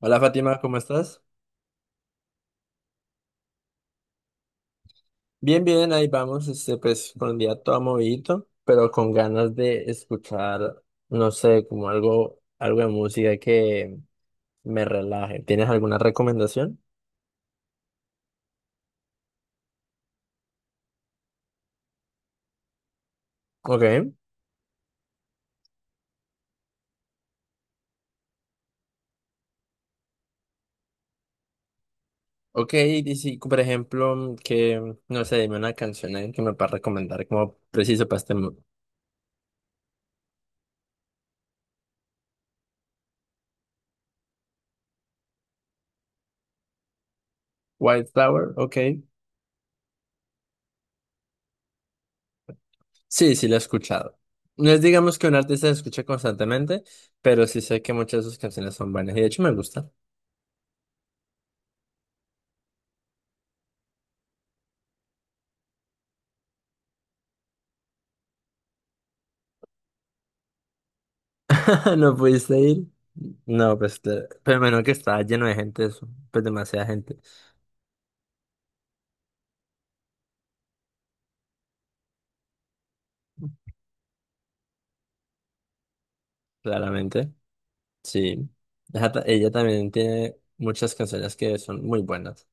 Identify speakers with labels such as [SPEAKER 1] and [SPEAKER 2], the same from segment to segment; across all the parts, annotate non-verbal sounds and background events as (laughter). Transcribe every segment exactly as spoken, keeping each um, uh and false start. [SPEAKER 1] Hola Fátima, ¿cómo estás? Bien, bien, ahí vamos, este, pues con el día todo movidito, pero con ganas de escuchar, no sé, como algo, algo de música que me relaje. ¿Tienes alguna recomendación? Ok, ok, y si, por ejemplo, que, no sé, dime una canción ahí que me puedas recomendar como preciso para este mood. White Flower, ok. Sí, sí, la he escuchado. No es digamos que un artista se escuche constantemente, pero sí sé que muchas de sus canciones son buenas y de hecho me gusta. (laughs) No pudiste ir. No, pues, te- pero menos que estaba lleno de gente eso. Pues demasiada gente, claramente. Sí. Ella, ta- ella también tiene muchas canciones que son muy buenas.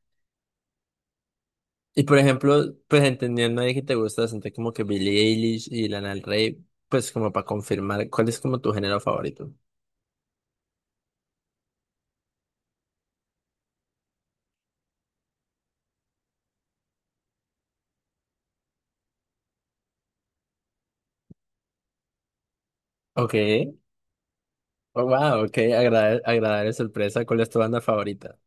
[SPEAKER 1] Y por ejemplo, pues entendiendo ahí que te gusta bastante como que Billie Eilish y Lana Del Rey, pues como para confirmar, ¿cuál es como tu género favorito? Ok. Oh, wow, ok. Agrada- Agradable, sorpresa. ¿Cuál es tu banda favorita?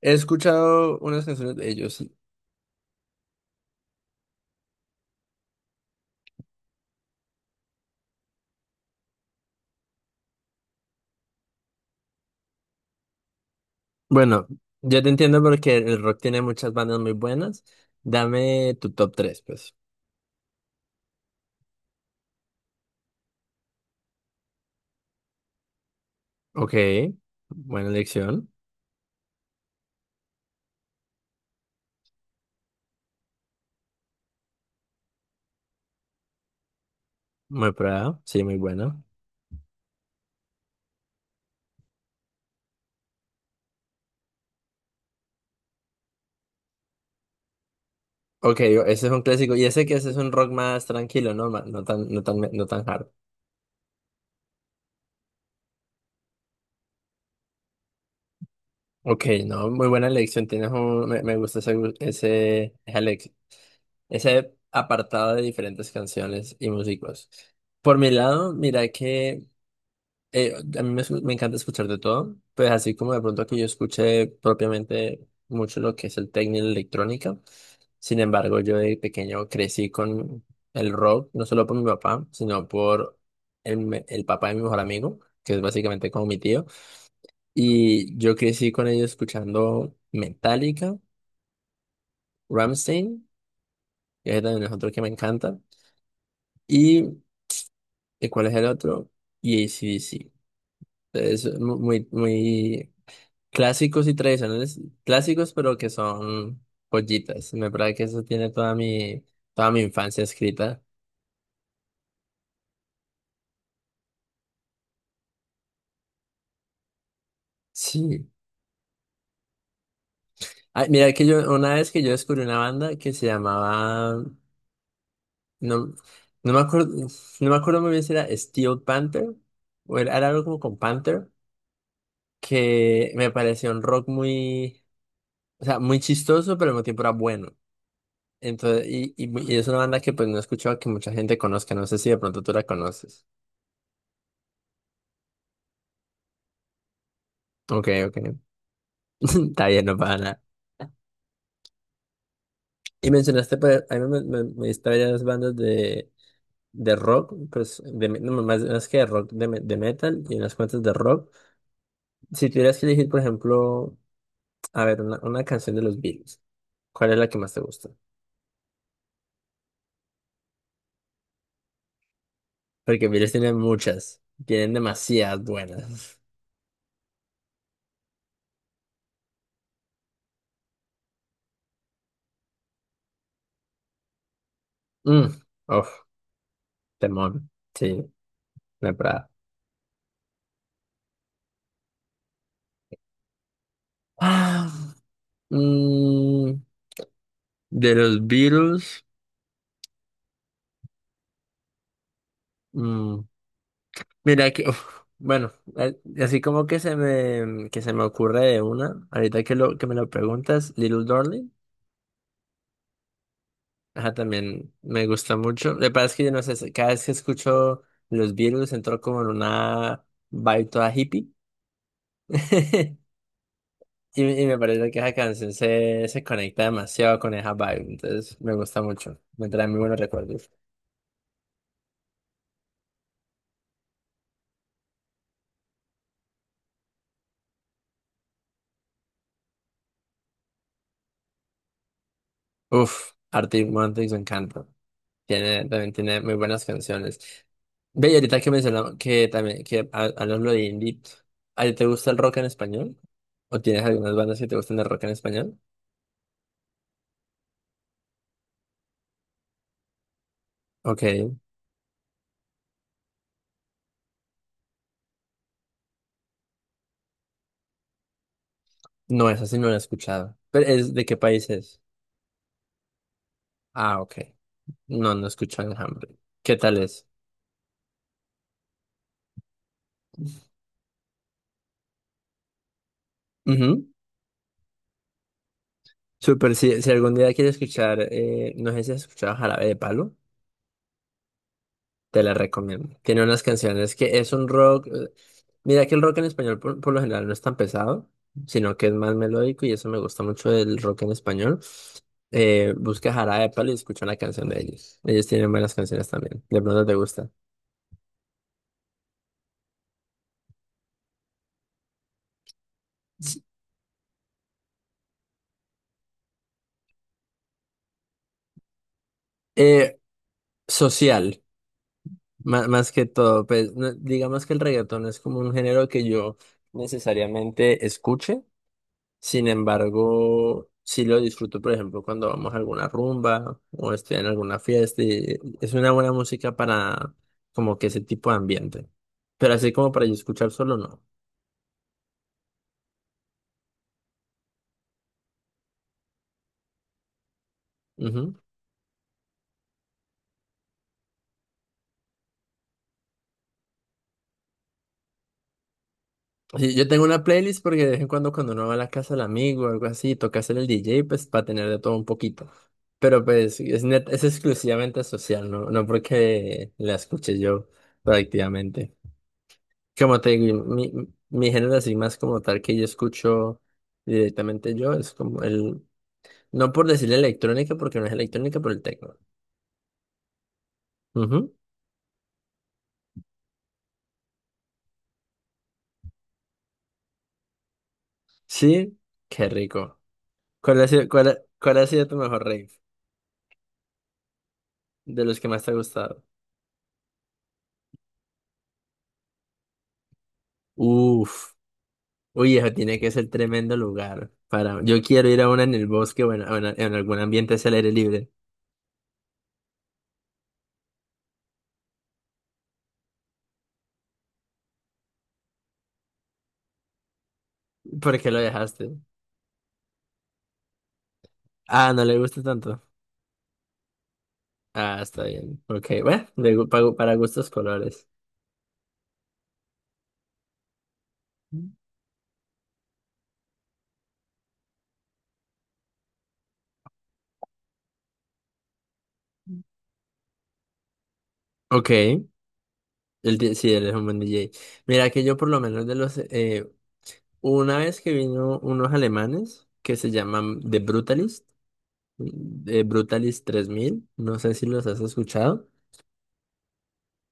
[SPEAKER 1] He escuchado unas canciones de ellos. Bueno, yo te entiendo porque el rock tiene muchas bandas muy buenas. Dame tu top tres, pues. Ok, buena elección. Muy probado, sí, muy bueno. Ok, ese es un clásico. Y ese que ese es un rock más tranquilo, ¿no? Ma- No tan, no tan, no tan hard. Ok, no, muy buena elección. Tienes un, me, me gusta ese, gu- ese, esa elec- ese apartado de diferentes canciones y músicos. Por mi lado, mira que eh, a mí me, escu- me encanta escuchar de todo, pues así como de pronto que yo escuché propiamente mucho lo que es el techno y la electrónica. Sin embargo, yo de pequeño crecí con el rock, no solo por mi papá, sino por el, me- el papá de mi mejor amigo, que es básicamente como mi tío. Y yo crecí con ellos escuchando Metallica, Rammstein, que es también es otro que me encanta. ¿Y ¿y cuál es el otro? Y ac Entonces, mu- muy, muy clásicos y tradicionales, clásicos pero que son joyitas. Me parece que eso tiene toda mi, toda mi infancia escrita. Sí. Ay, mira que yo, una vez que yo descubrí una banda que se llamaba, no, no me acuerdo, no me acuerdo muy bien si era Steel Panther o era, era algo como con Panther, que me pareció un rock muy, o sea, muy chistoso, pero al mismo tiempo era bueno. Entonces, y, y, y es una banda que pues no he escuchado que mucha gente conozca. No sé si de pronto tú la conoces. Ok, ok. (laughs) Está bien, no pasa nada. Y mencionaste, pues, a mí me, me, me diste varias bandas de, de rock, pues, de, me- no, más, más que de rock, de, me- de metal y unas cuantas de rock. Si tuvieras que elegir, por ejemplo, a ver, una, una canción de los Beatles, ¿cuál es la que más te gusta? Porque Beatles tienen muchas, tienen demasiadas buenas. (laughs) Mm, uf, temón, sí, me parada. Ah, mm, de los Beatles. mm, Mira que, uf, bueno, a- así como que se me, que se me ocurre de una, ahorita que lo, que me lo preguntas, Little Darling, ajá, también me gusta mucho. Lo que pasa es que yo no sé, cada vez que escucho los Beatles entro como en una vibe toda hippie. (laughs) Y, y me parece que esa canción se, se conecta demasiado con esa vibe, entonces me gusta mucho, me trae muy buenos recuerdos. Uf, Arctic Monkeys me encanta. Tiene, también tiene muy buenas canciones. Ve, y ahorita que mencionamos que también, que ha- hablando de indie, ¿a ti te gusta el rock en español? ¿O tienes algunas bandas que te gustan el rock en español? Ok, no, esa sí no la he escuchado. ¿Pero es de qué país es? Ah, ok. No, no he escuchado Enjambre. ¿Qué tal es? Ujú. Súper, si, si algún día quieres escuchar, eh, no sé si has escuchado Jarabe de Palo. Te la recomiendo. Tiene unas canciones que es un rock. eh, Mira que el rock en español por, por lo general no es tan pesado, sino que es más melódico y eso me gusta mucho del rock en español. Eh, busca Jarabe de Palo y escucha una canción de ellos. Ellos tienen buenas canciones también. De pronto te gusta. Eh, Social, ma- más, que todo. Pues, no- digamos que el reggaetón es como un género que yo necesariamente escuche. Sin embargo, sí lo disfruto, por ejemplo, cuando vamos a alguna rumba o estoy en alguna fiesta y es una buena música para como que ese tipo de ambiente. Pero así como para yo escuchar solo, no. Ujú. Sí, yo tengo una playlist porque de vez en cuando cuando uno va a la casa del amigo o algo así, toca ser el D J, pues para tener de todo un poquito. Pero pues es, net- es exclusivamente social, ¿no? No porque la escuche yo prácticamente. Como te digo, mi, mi género así más como tal que yo escucho directamente yo es como el, no por decirle electrónica porque no es electrónica, pero el techno. Ujú. Sí, qué rico. ¿Cuál ha sido, cuál, ha- cuál ha sido tu mejor rave? De los que más te ha gustado. Uf, uy, eso tiene que ser tremendo lugar para, yo quiero ir a una en el bosque o en, o en en algún ambiente hacia el aire libre. ¿Por qué lo dejaste? Ah, no le gusta tanto. Ah, está bien. Ok, bueno, de gu- pa- para gustos colores. Ok, el, di- sí, él es un buen D J. Mira que yo por lo menos de los... eh, una vez que vino unos alemanes que se llaman The Brutalist, The Brutalist tres mil, no sé si los has escuchado,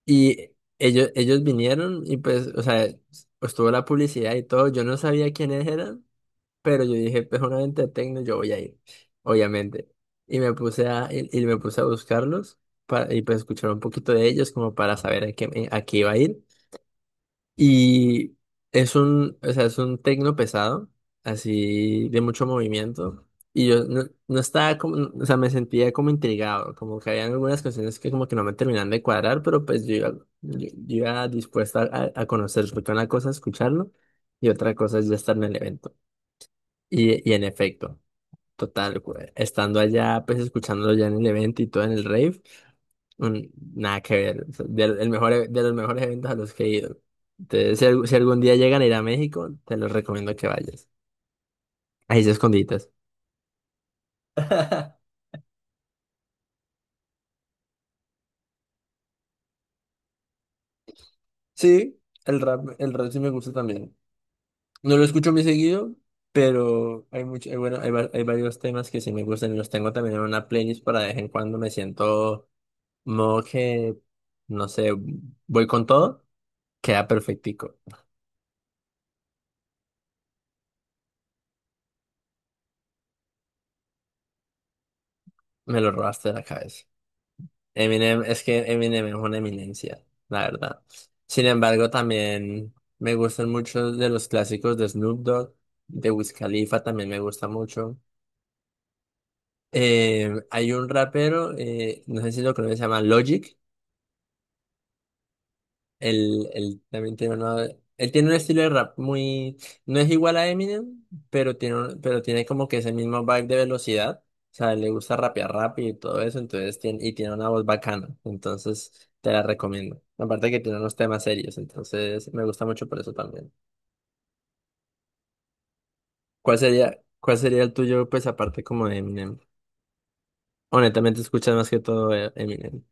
[SPEAKER 1] y ellos, ellos vinieron y pues, o sea, estuvo la publicidad y todo, yo no sabía quiénes eran, pero yo dije, pues una venta de techno, yo voy a ir, obviamente. Y me puse a, y, y me puse a buscarlos para, y pues escuchar un poquito de ellos como para saber a qué, a qué iba a ir. Y es un, o sea, es un tecno pesado, así de mucho movimiento. Y yo no, no estaba como, no, o sea, me sentía como intrigado, como que habían algunas canciones que como que no me terminaban de cuadrar, pero pues yo iba, yo, yo iba dispuesta a, a conocer, porque una cosa es escucharlo y otra cosa es ya estar en el evento. Y, y en efecto. Total, cue- estando allá, pues escuchándolo ya en el evento y todo en el rave, un- nada que ver. O sea, del- el mejor, e- de los mejores eventos a los que he ido. Entonces, si, algu- si algún día llegan a ir a México, te los recomiendo que vayas. Ahí se esconditas. (laughs) Sí, el rap, el rap sí me gusta también. No lo escucho muy seguido, pero hay mucho, hay, bueno, hay, va- hay varios temas que sí me gustan y los tengo también en una playlist para de vez en cuando me siento modo que, no sé, voy con todo, queda perfectico. Me lo robaste de la cabeza. Eminem, es que Eminem es una eminencia, la verdad. Sin embargo, también me gustan mucho de los clásicos de Snoop Dogg, de Wiz Khalifa también me gusta mucho. Eh, hay un rapero, eh, no sé si lo conoces, se llama Logic. Él, él también tiene una- él tiene un estilo de rap muy, no es igual a Eminem, pero tiene, un- pero tiene como que ese mismo vibe de velocidad. O sea, le gusta rapear rápido y todo eso, entonces tiene, y tiene una voz bacana. Entonces, te la recomiendo. Aparte que tiene unos temas serios, entonces me gusta mucho por eso también. ¿Cuál sería, cuál sería el tuyo, pues aparte como de Eminem? Honestamente, escuchas más que todo eh, Eminem.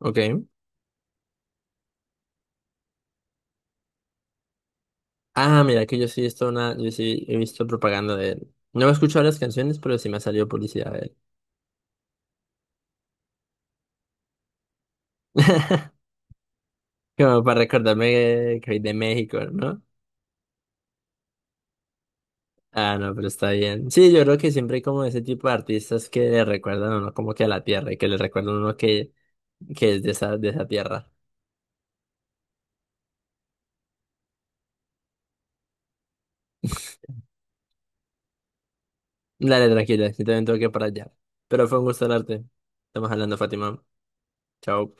[SPEAKER 1] Ok. Ah, mira, que yo sí he visto una, yo sí he visto propaganda de él. No he escuchado las canciones, pero sí me ha salido publicidad de él. (laughs) Como para recordarme que que soy de México, ¿no? Ah, no, pero está bien. Sí, yo creo que siempre hay como ese tipo de artistas que le recuerdan a uno como que a la tierra y que le recuerdan a uno que, que es de esa, de esa tierra. (laughs) Dale, tranquila, yo también tengo que ir para allá. Pero fue un gusto hablarte. Estamos hablando, Fátima. Chao.